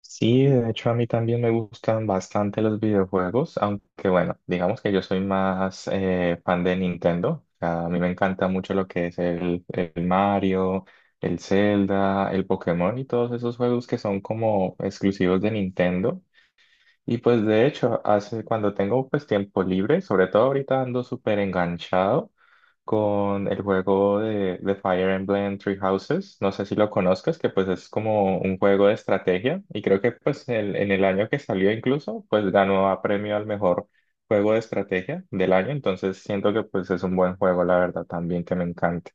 Sí, de hecho a mí también me gustan bastante los videojuegos, aunque bueno, digamos que yo soy más fan de Nintendo. O sea, a mí me encanta mucho lo que es el Mario, el Zelda, el Pokémon y todos esos juegos que son como exclusivos de Nintendo. Y pues de hecho, hace cuando tengo pues tiempo libre, sobre todo ahorita ando súper enganchado con el juego de Fire Emblem Three Houses. No sé si lo conozcas, que pues es como un juego de estrategia y creo que pues en el año que salió incluso, pues ganó a premio al mejor juego de estrategia del año. Entonces siento que pues es un buen juego, la verdad, también que me encanta.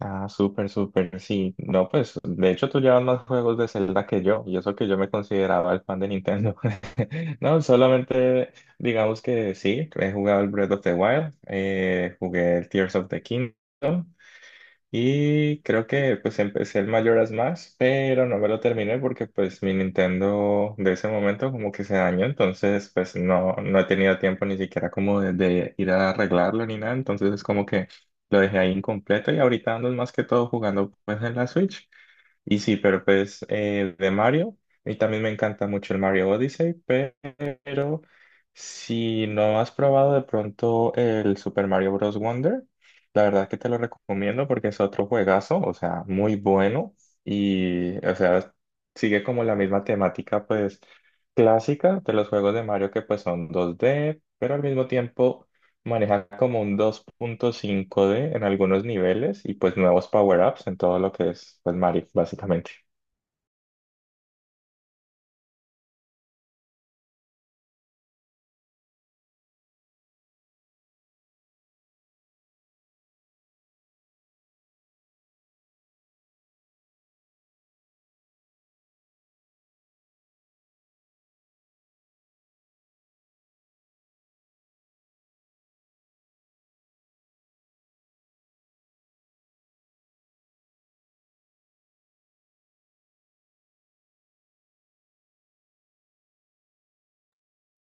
Ah, súper, súper, sí. No, pues, de hecho tú llevas más juegos de Zelda que yo, y eso que yo me consideraba el fan de Nintendo. No, solamente digamos que sí, he jugado el Breath of the Wild, jugué el Tears of the Kingdom. Y creo que pues empecé el Majora's Mask, pero no me lo terminé porque pues mi Nintendo de ese momento como que se dañó, entonces pues no, no he tenido tiempo ni siquiera como de ir a arreglarlo ni nada, entonces es como que lo dejé ahí incompleto y ahorita ando más que todo jugando pues en la Switch. Y sí, pero pues de Mario, y también me encanta mucho el Mario Odyssey, pero si no has probado de pronto el Super Mario Bros. Wonder, la verdad que te lo recomiendo porque es otro juegazo, o sea, muy bueno y, o sea, sigue como la misma temática pues clásica de los juegos de Mario que pues son 2D pero al mismo tiempo maneja como un 2,5D en algunos niveles y pues nuevos power-ups en todo lo que es pues Mario, básicamente.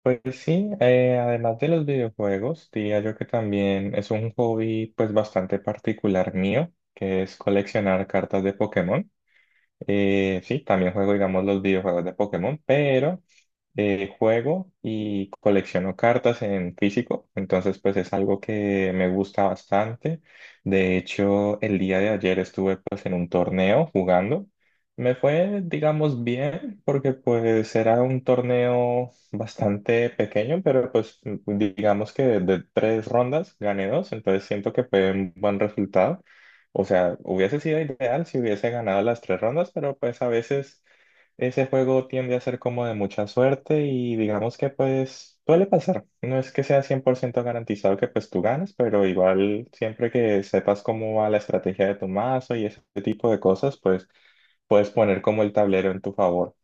Pues sí, además de los videojuegos, diría yo que también es un hobby pues bastante particular mío, que es coleccionar cartas de Pokémon. Sí, también juego, digamos, los videojuegos de Pokémon, pero juego y colecciono cartas en físico, entonces pues es algo que me gusta bastante. De hecho, el día de ayer estuve pues en un torneo jugando. Me fue, digamos, bien porque pues era un torneo bastante pequeño, pero pues digamos que de tres rondas gané dos, entonces siento que fue un buen resultado. O sea, hubiese sido ideal si hubiese ganado las tres rondas, pero pues a veces... Ese juego tiende a ser como de mucha suerte y digamos que pues suele pasar. No es que sea 100% garantizado que pues tú ganes, pero igual siempre que sepas cómo va la estrategia de tu mazo y ese tipo de cosas, pues puedes poner como el tablero en tu favor.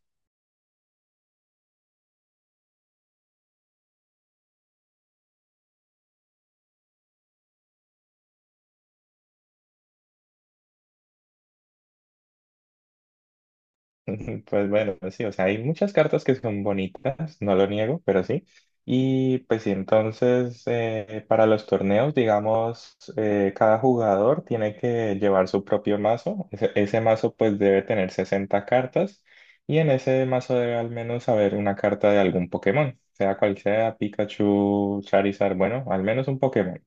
Pues bueno, pues sí, o sea, hay muchas cartas que son bonitas, no lo niego, pero sí. Y pues sí, entonces para los torneos, digamos, cada jugador tiene que llevar su propio mazo. Ese mazo pues debe tener 60 cartas y en ese mazo debe al menos haber una carta de algún Pokémon, sea cual sea, Pikachu, Charizard, bueno, al menos un Pokémon.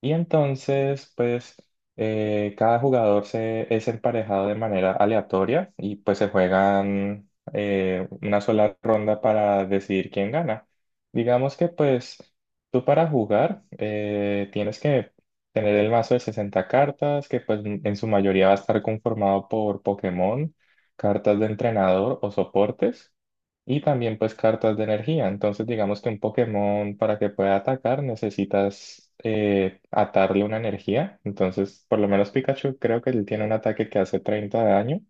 Y entonces, pues, cada jugador es emparejado de manera aleatoria y pues se juegan una sola ronda para decidir quién gana. Digamos que pues tú para jugar tienes que tener el mazo de 60 cartas, que pues en su mayoría va a estar conformado por Pokémon, cartas de entrenador o soportes. Y también pues cartas de energía. Entonces digamos que un Pokémon para que pueda atacar necesitas atarle una energía. Entonces por lo menos Pikachu creo que él tiene un ataque que hace 30 de daño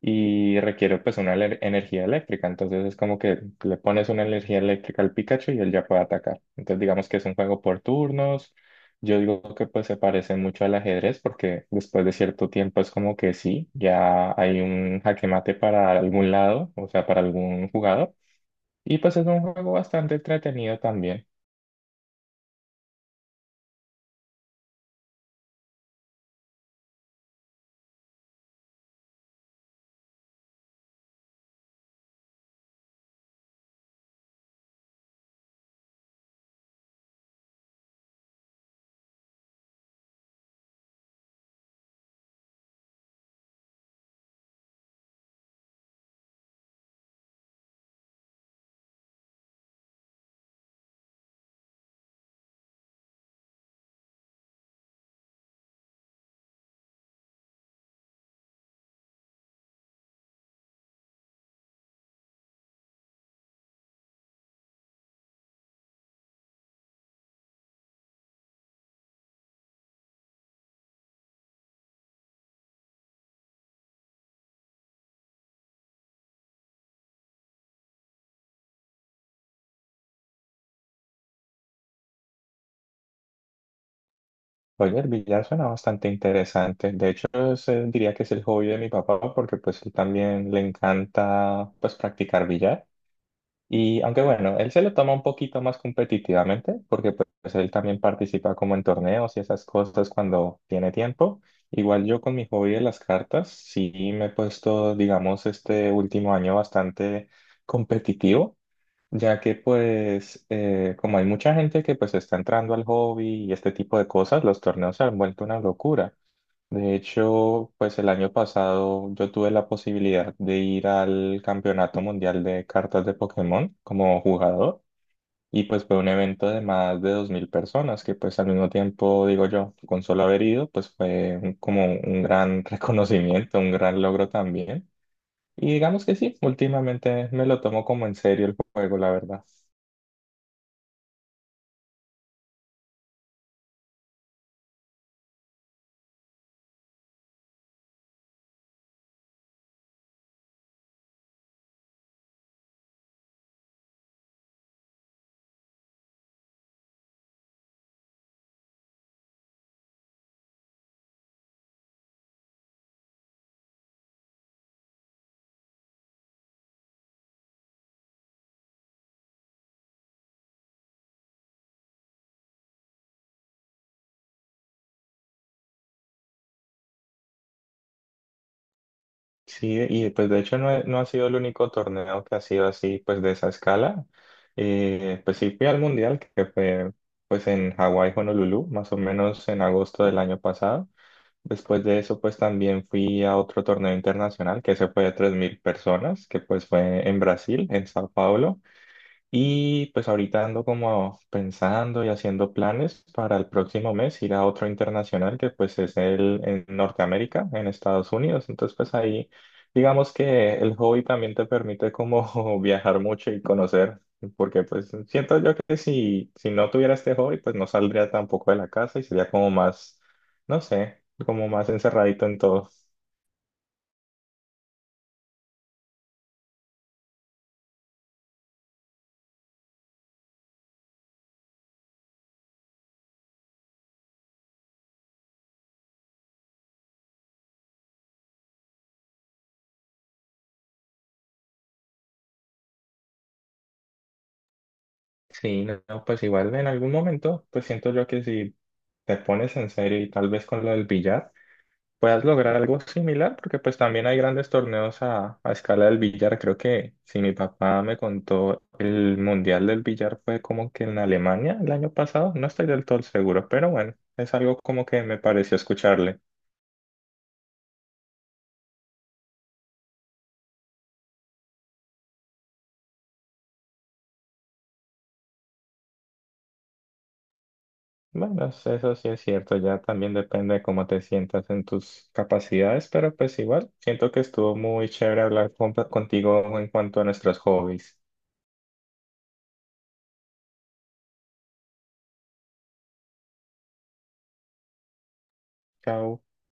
y requiere pues una energía eléctrica. Entonces es como que le pones una energía eléctrica al Pikachu y él ya puede atacar. Entonces digamos que es un juego por turnos. Yo digo que pues se parece mucho al ajedrez porque después de cierto tiempo es como que sí, ya hay un jaque mate para algún lado, o sea, para algún jugador. Y pues es un juego bastante entretenido también. Oye, el billar suena bastante interesante. De hecho, es, diría que es el hobby de mi papá porque pues él también le encanta pues practicar billar. Y aunque bueno, él se lo toma un poquito más competitivamente porque pues él también participa como en torneos y esas cosas cuando tiene tiempo. Igual yo con mi hobby de las cartas, sí me he puesto, digamos, este último año bastante competitivo. Ya que pues como hay mucha gente que pues está entrando al hobby y este tipo de cosas, los torneos se han vuelto una locura. De hecho, pues el año pasado yo tuve la posibilidad de ir al Campeonato Mundial de Cartas de Pokémon como jugador y pues fue un evento de más de 2.000 personas que pues al mismo tiempo, digo yo, con solo haber ido, pues fue como un gran reconocimiento, un gran logro también. Y digamos que sí, últimamente me lo tomo como en serio el juego, la verdad. Sí, y pues de hecho no, no ha sido el único torneo que ha sido así, pues de esa escala. Pues sí fui al Mundial, que fue pues en Hawái, Honolulu, más o menos en agosto del año pasado. Después de eso, pues también fui a otro torneo internacional, que se fue de 3.000 personas, que pues fue en Brasil, en Sao Paulo. Y pues ahorita ando como pensando y haciendo planes para el próximo mes ir a otro internacional que pues es el en Norteamérica, en Estados Unidos. Entonces pues ahí digamos que el hobby también te permite como viajar mucho y conocer, porque pues siento yo que si, no tuviera este hobby pues no saldría tampoco de la casa y sería como más, no sé, como más encerradito en todo. Sí, no, no, pues igual en algún momento pues siento yo que si te pones en serio y tal vez con lo del billar, puedas lograr algo similar, porque pues también hay grandes torneos a escala del billar. Creo que si mi papá me contó, el mundial del billar fue como que en Alemania el año pasado, no estoy del todo seguro, pero bueno, es algo como que me pareció escucharle. Bueno, eso sí es cierto, ya también depende de cómo te sientas en tus capacidades, pero pues igual, siento que estuvo muy chévere hablar contigo en cuanto a nuestros hobbies. Chao.